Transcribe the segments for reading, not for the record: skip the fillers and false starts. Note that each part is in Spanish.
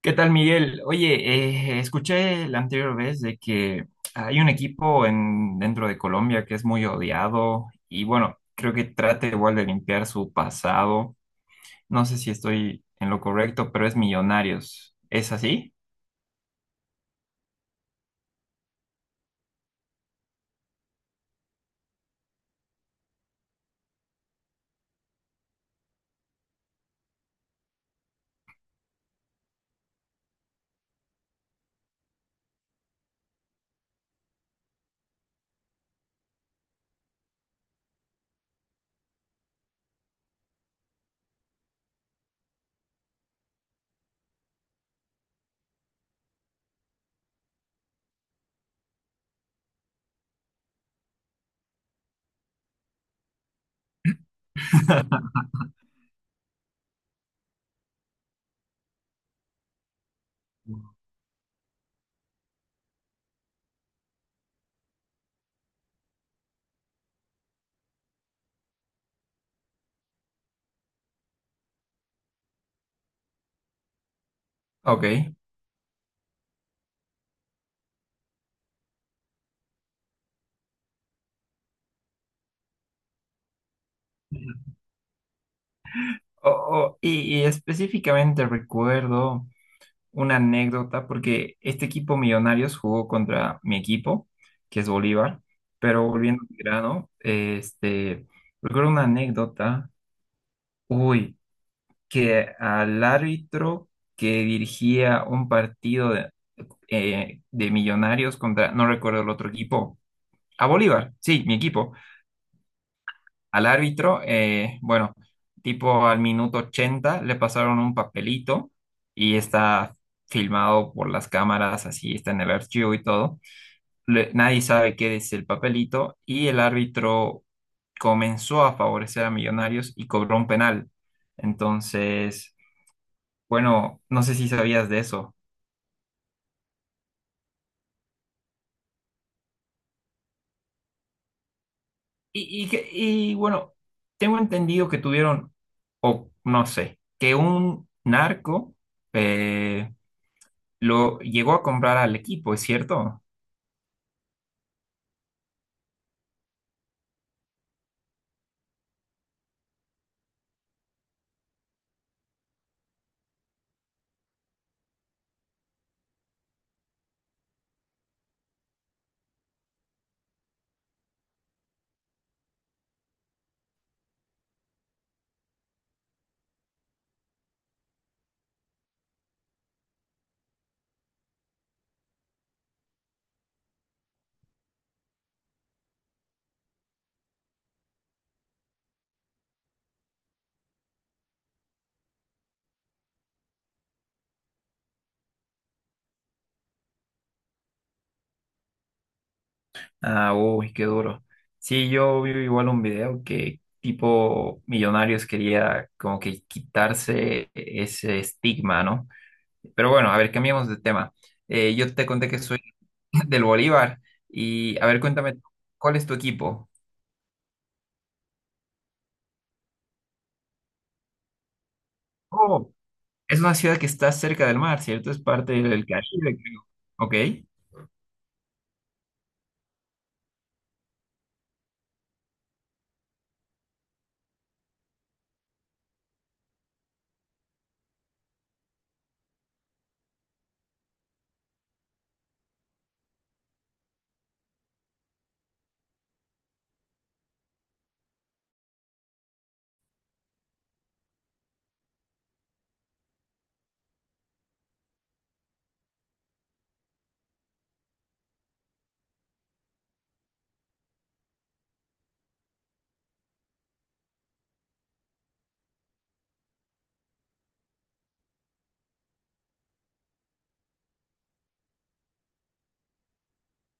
¿Qué tal, Miguel? Oye, escuché la anterior vez de que hay un equipo dentro de Colombia que es muy odiado y bueno, creo que trata igual de limpiar su pasado. No sé si estoy en lo correcto, pero es Millonarios. ¿Es así? Ok. Y específicamente recuerdo una anécdota, porque este equipo Millonarios jugó contra mi equipo, que es Bolívar, pero volviendo al grano, recuerdo una anécdota, uy, que al árbitro que dirigía un partido de Millonarios contra, no recuerdo el otro equipo, a Bolívar, sí, mi equipo al árbitro, bueno, tipo al minuto 80 le pasaron un papelito y está filmado por las cámaras, así está en el archivo y todo. Nadie sabe qué es el papelito y el árbitro comenzó a favorecer a Millonarios y cobró un penal. Entonces, bueno, no sé si sabías de eso. Y bueno, tengo entendido que tuvieron, o no sé, que un narco... eh, lo llegó a comprar al equipo, ¿es cierto? Ah, uy, qué duro. Sí, yo vi igual un video que tipo Millonarios quería como que quitarse ese estigma, ¿no? Pero bueno, a ver, cambiemos de tema. Yo te conté que soy del Bolívar y a ver, cuéntame, ¿cuál es tu equipo? Oh, es una ciudad que está cerca del mar, ¿cierto? Es parte del Caribe, creo. Ok.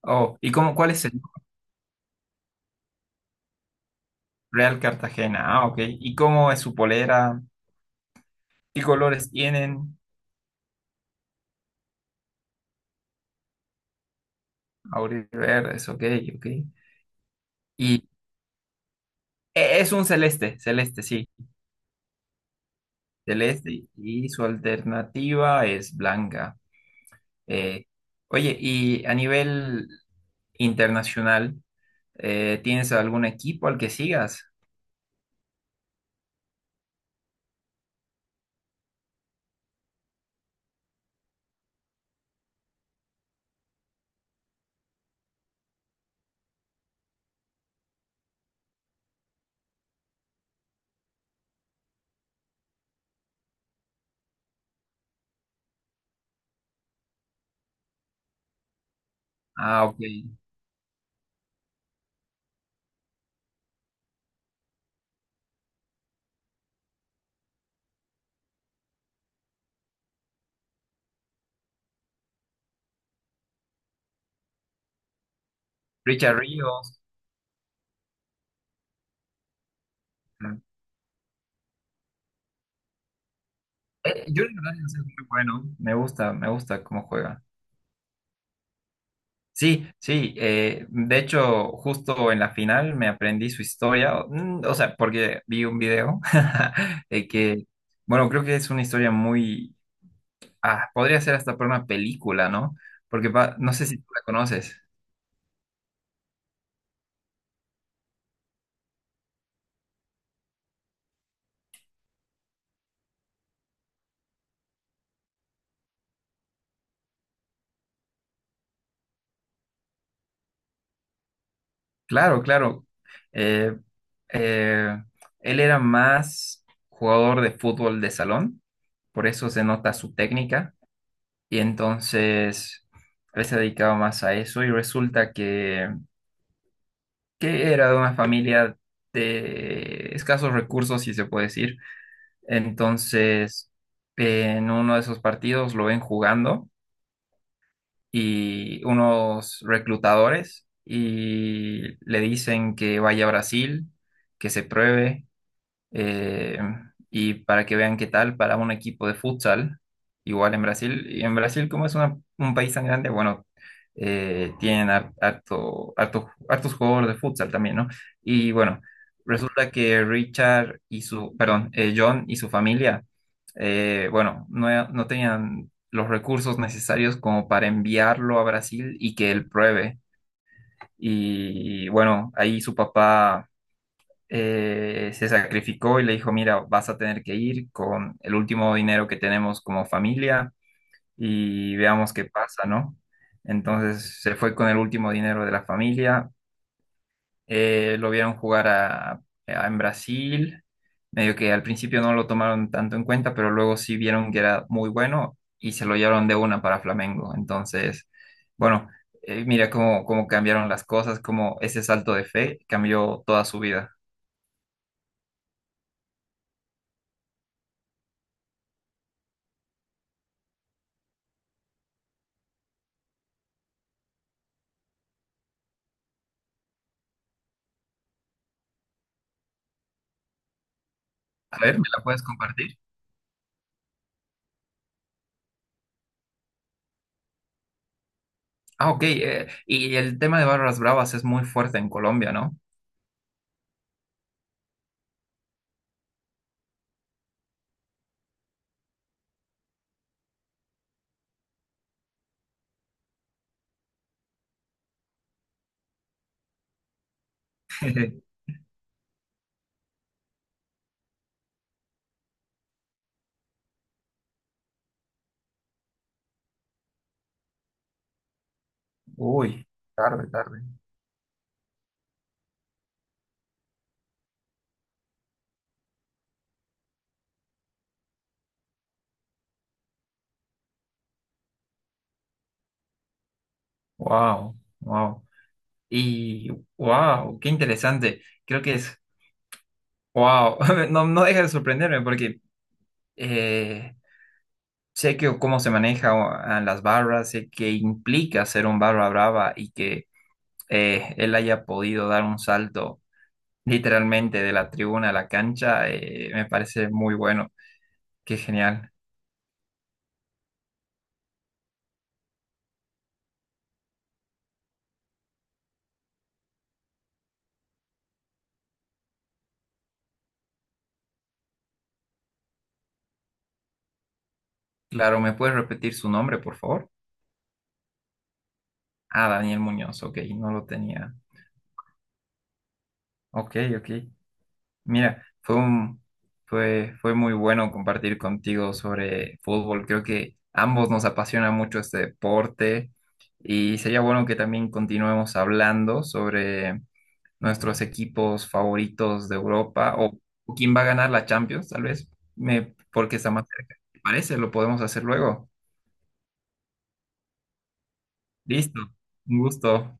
Oh, ¿y cómo, cuál es el Real Cartagena? Ah, ok. ¿Y cómo es su polera? ¿Qué colores tienen? Auriverdes, ok, ok. Y es un celeste, celeste, sí, celeste. Y su alternativa es blanca. Eh, oye, y a nivel internacional, ¿tienes algún equipo al que sigas? Ah, ok. Richard Ríos. Ah, eh, Junior Daniels es muy bueno. Me gusta cómo juega. Sí, sí, de hecho, justo en la final me aprendí su historia, o sea, porque vi un video de que, bueno, creo que es una historia muy, ah, podría ser hasta para una película, ¿no? Porque no sé si tú la conoces. Claro, claro. Eh, eh, él era más jugador de fútbol de salón, por eso se nota su técnica, y entonces él se dedicaba más a eso, y resulta que era de una familia de escasos recursos, si se puede decir. Entonces, en uno de esos partidos lo ven jugando y unos reclutadores y le dicen que vaya a Brasil, que se pruebe eh, y para que vean qué tal para un equipo de futsal, igual en Brasil. Y en Brasil, como es un país tan grande, bueno, tienen hartos jugadores de futsal también, ¿no? Y bueno, resulta que Richard y su, perdón, John y su familia, bueno, no, no tenían los recursos necesarios como para enviarlo a Brasil y que él pruebe. Y bueno, ahí su papá se sacrificó y le dijo, mira, vas a tener que ir con el último dinero que tenemos como familia y veamos qué pasa, ¿no? Entonces se fue con el último dinero de la familia, lo vieron jugar en Brasil, medio que al principio no lo tomaron tanto en cuenta, pero luego sí vieron que era muy bueno y se lo llevaron de una para Flamengo. Entonces, bueno. Mira cómo, cómo cambiaron las cosas, cómo ese salto de fe cambió toda su vida. A ver, ¿me la puedes compartir? Ah, ok. Y el tema de barras bravas es muy fuerte en Colombia, ¿no? Uy, tarde, tarde. Wow, wow. Y wow, qué interesante. Creo que es wow. No, no deja de sorprenderme porque eh, sé que cómo se maneja a las barras, sé que implica ser un barra brava y que él haya podido dar un salto literalmente de la tribuna a la cancha, me parece muy bueno. Qué genial. Claro, ¿me puedes repetir su nombre, por favor? Ah, Daniel Muñoz, ok, no lo tenía. Ok, ok. Mira, fue, fue muy bueno compartir contigo sobre fútbol. Creo que ambos nos apasiona mucho este deporte y sería bueno que también continuemos hablando sobre nuestros equipos favoritos de Europa o quién va a ganar la Champions, tal vez, me, porque está más cerca. ¿Te parece? Lo podemos hacer luego. Listo, un gusto.